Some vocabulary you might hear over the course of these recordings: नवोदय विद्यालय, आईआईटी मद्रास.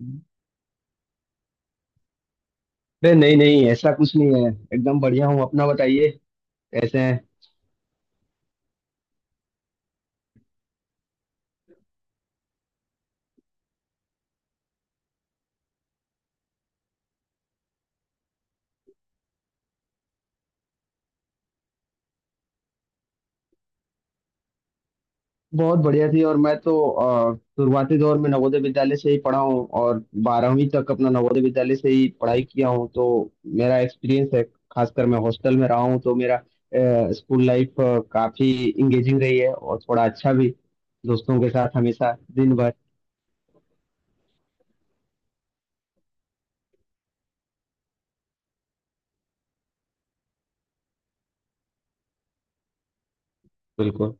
अरे नहीं नहीं, ऐसा कुछ नहीं है, एकदम बढ़िया हूँ। अपना बताइए, कैसे हैं। बहुत बढ़िया थी। और मैं तो शुरुआती दौर में नवोदय विद्यालय से ही पढ़ा हूँ और 12वीं तक अपना नवोदय विद्यालय से ही पढ़ाई किया हूँ। तो मेरा एक्सपीरियंस है। खासकर मैं हॉस्टल में रहा हूँ तो मेरा स्कूल लाइफ काफी इंगेजिंग रही है और थोड़ा अच्छा भी दोस्तों के साथ हमेशा दिन भर। बिल्कुल।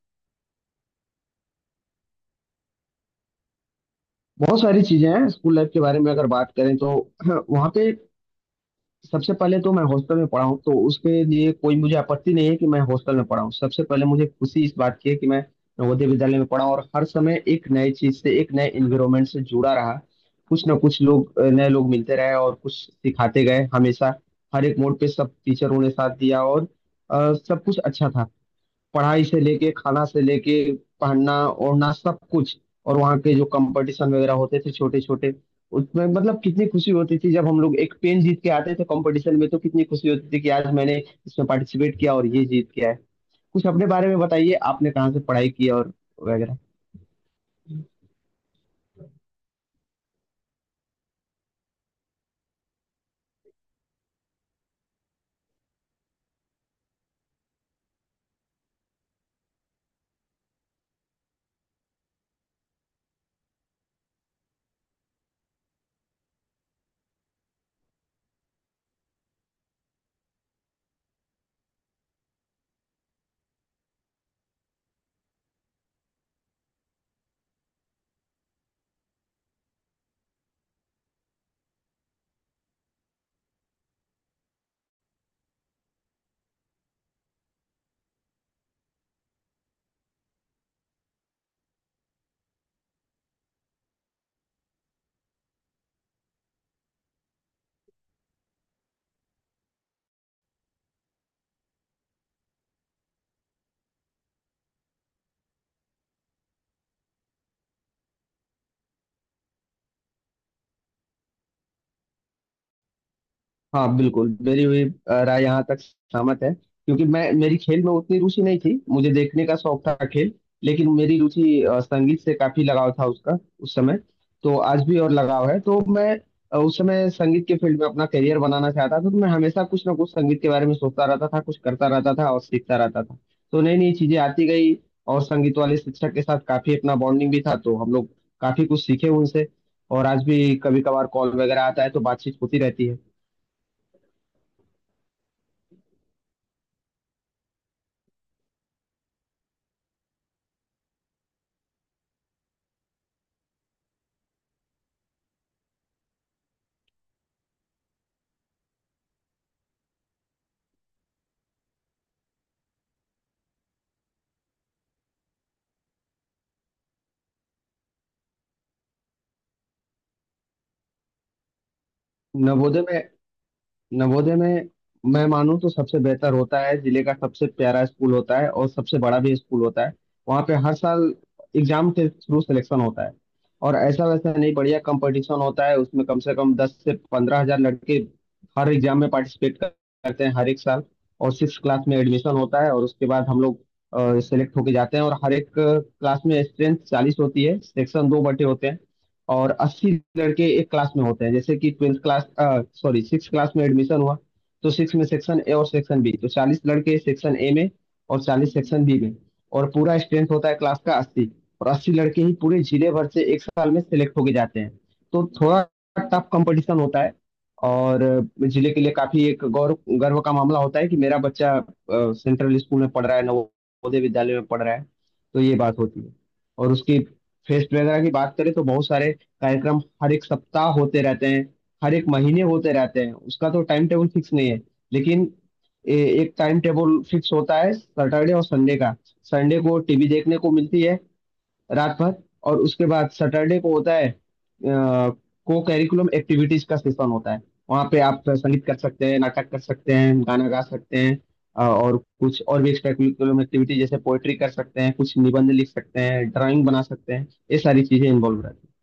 बहुत सारी चीजें हैं स्कूल लाइफ के बारे में अगर बात करें तो वहाँ पे सबसे पहले तो मैं हॉस्टल में पढ़ा हूँ, तो उसके लिए कोई मुझे आपत्ति नहीं है कि मैं हॉस्टल में पढ़ा हूँ। सबसे पहले मुझे खुशी इस बात की है कि मैं नवोदय विद्यालय में पढ़ा हूँ और हर समय एक नए चीज से, एक नए एनवायरमेंट से जुड़ा रहा। कुछ ना कुछ लोग, नए लोग मिलते रहे और कुछ सिखाते गए हमेशा। हर एक मोड़ पे सब टीचरों ने साथ दिया और सब कुछ अच्छा था। पढ़ाई से लेके, खाना से लेके, पहनना ओढ़ना, सब कुछ। और वहाँ के जो कंपटीशन वगैरह होते थे छोटे छोटे, उसमें मतलब कितनी खुशी होती थी जब हम लोग एक पेन जीत के आते थे कंपटीशन में, तो कितनी खुशी होती थी कि आज मैंने इसमें पार्टिसिपेट किया और ये जीत के आए। कुछ अपने बारे में बताइए, आपने कहाँ से पढ़ाई की और वगैरह। हाँ बिल्कुल, मेरी हुई राय यहाँ तक सहमत है, क्योंकि मैं मेरी खेल में उतनी रुचि नहीं थी, मुझे देखने का शौक था खेल। लेकिन मेरी रुचि संगीत से काफी लगाव था उसका उस समय, तो आज भी और लगाव है। तो मैं उस समय संगीत के फील्ड में अपना करियर बनाना चाहता था, तो मैं हमेशा कुछ ना कुछ संगीत के बारे में सोचता रहता था, कुछ करता रहता था और सीखता रहता था। तो नई नई चीजें आती गई। और संगीत वाले शिक्षक के साथ काफी अपना बॉन्डिंग भी था, तो हम लोग काफी कुछ सीखे उनसे। और आज भी कभी कभार कॉल वगैरह आता है तो बातचीत होती रहती है। नवोदय में। नवोदय में, मैं मानूं तो सबसे बेहतर होता है, जिले का सबसे प्यारा स्कूल होता है और सबसे बड़ा भी स्कूल होता है। वहाँ पे हर साल एग्जाम के थ्रू सिलेक्शन होता है। और ऐसा वैसा नहीं, बढ़िया कंपटीशन होता है। उसमें कम से कम 10 से 15 हजार लड़के हर एग्जाम में पार्टिसिपेट करते हैं, हर एक साल। और सिक्स क्लास में एडमिशन होता है और उसके बाद हम लोग सिलेक्ट होके जाते हैं। और हर एक क्लास में स्ट्रेंथ 40 होती है, सेक्शन दो बटे होते हैं। और 80 लड़के एक क्लास में होते हैं। जैसे कि twelfth class, sorry six class में एडमिशन हुआ, तो सिक्स में सेक्शन ए और सेक्शन बी। तो 40 लड़के सेक्शन ए में और 40 सेक्शन बी में। और पूरा स्ट्रेंथ होता है क्लास का 80। और 80 लड़के ही पूरे जिले भर से एक साल में सिलेक्ट होके जाते हैं। तो थोड़ा टफ कंपटीशन होता है। और जिले के लिए काफी एक गौरव, गर्व का मामला होता है कि मेरा बच्चा सेंट्रल स्कूल में पढ़ रहा है, नवोदय विद्यालय में पढ़ रहा है। तो ये बात होती है। और उसकी फेस्ट वगैरह की बात करें तो बहुत सारे कार्यक्रम हर एक सप्ताह होते रहते हैं, हर एक महीने होते रहते हैं। उसका तो टाइम टेबल फिक्स नहीं है। लेकिन ए, एक टाइम टेबल फिक्स होता है सैटरडे और संडे का। संडे को टीवी देखने को मिलती है रात भर। और उसके बाद सैटरडे को होता है, को करिकुलम एक्टिविटीज का सेशन होता है। वहाँ पे आप संगीत कर सकते हैं, नाटक कर सकते हैं, गाना गा सकते हैं और कुछ और भी एक्स्ट्रा करिकुलम एक्टिविटी जैसे पोएट्री कर सकते हैं, कुछ निबंध लिख सकते हैं, ड्राइंग बना सकते हैं, ये सारी चीजें इन्वॉल्व रहती हैं।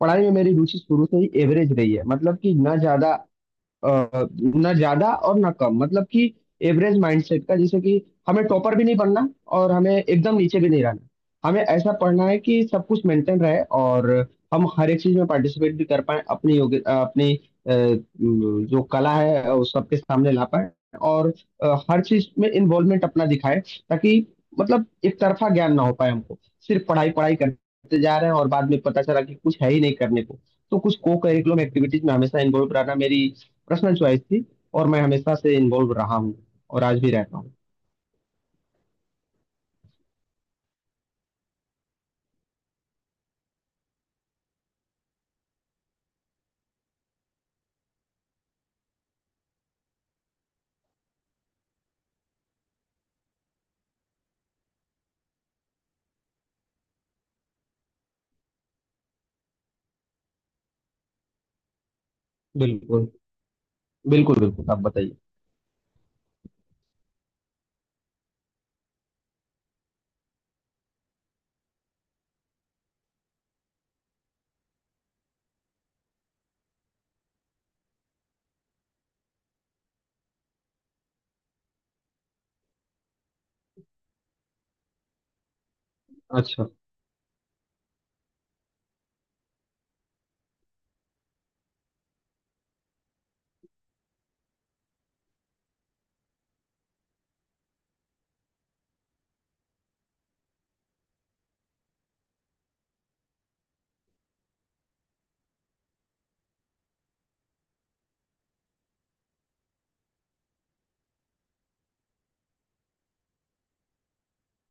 पढ़ाई में मेरी रुचि शुरू से ही एवरेज रही है, मतलब कि ना ज्यादा अ, ना ज्यादा और ना कम, मतलब कि एवरेज माइंडसेट का। जैसे कि हमें टॉपर भी नहीं बनना और हमें एकदम नीचे भी नहीं रहना, हमें ऐसा पढ़ना है कि सब कुछ मेंटेन रहे और हम हर एक चीज में पार्टिसिपेट भी कर पाए। अपनी योग्य अपनी जो कला है उस सबके सामने ला पाए। और हर चीज में इन्वॉल्वमेंट अपना दिखाए, ताकि मतलब एक तरफा ज्ञान ना हो पाए हमको। सिर्फ पढ़ाई पढ़ाई करते जा रहे हैं और बाद में पता चला कि कुछ है ही नहीं करने को। तो कुछ को करिकुलम एक्टिविटीज में हमेशा इन्वॉल्व रहना मेरी पर्सनल चॉइस थी और मैं हमेशा से इन्वॉल्व रहा हूँ। और आज भी रहता हूँ। बिल्कुल। बिल्कुल बिल्कुल, आप बताइए। अच्छा।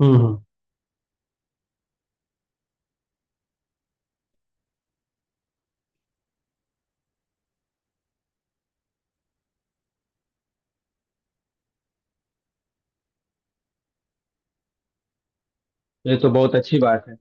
हम्म। ये तो बहुत अच्छी बात है।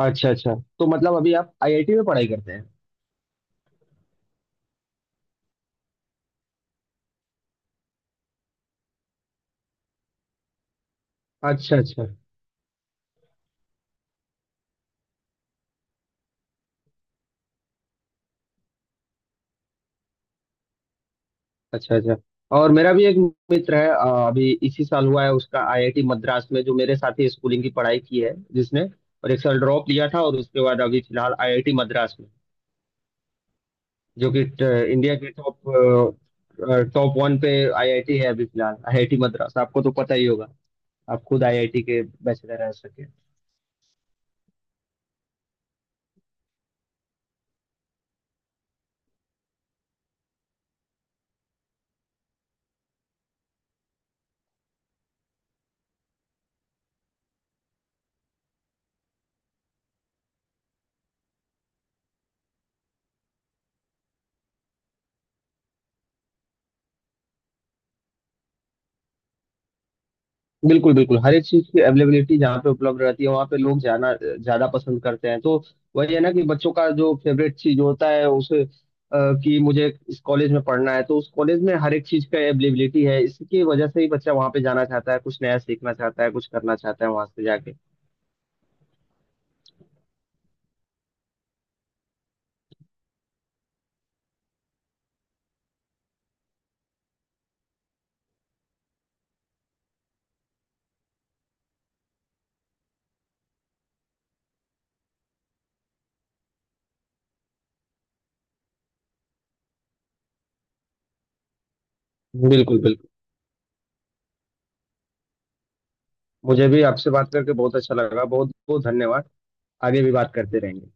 अच्छा अच्छा, तो मतलब अभी आप आईआईटी में पढ़ाई करते हैं। अच्छा अच्छा। अच्छा अच्छा। और मेरा भी एक मित्र है, अभी इसी साल हुआ है उसका आईआईटी मद्रास में, जो मेरे साथ ही स्कूलिंग की पढ़ाई की है जिसने। और एक साल ड्रॉप लिया था और उसके बाद अभी फिलहाल आईआईटी मद्रास में, जो कि इंडिया के टॉप, टॉप वन पे आईआईटी है, अभी फिलहाल आईआईटी मद्रास, आपको तो पता ही होगा। आप खुद आईआईटी के बैचलर रह सके। बिल्कुल बिल्कुल। हर एक चीज की अवेलेबिलिटी जहाँ पे उपलब्ध रहती है वहाँ पे लोग जाना ज्यादा पसंद करते हैं। तो वही है ना, कि बच्चों का जो फेवरेट चीज होता है उसे कि मुझे इस कॉलेज में पढ़ना है, तो उस कॉलेज में हर एक चीज का अवेलेबिलिटी है, इसकी वजह से ही बच्चा वहाँ पे जाना चाहता है, कुछ नया सीखना चाहता है, कुछ करना चाहता है वहां से जाके। बिल्कुल बिल्कुल। मुझे भी आपसे बात करके बहुत अच्छा लगा, बहुत बहुत धन्यवाद। आगे भी बात करते रहेंगे।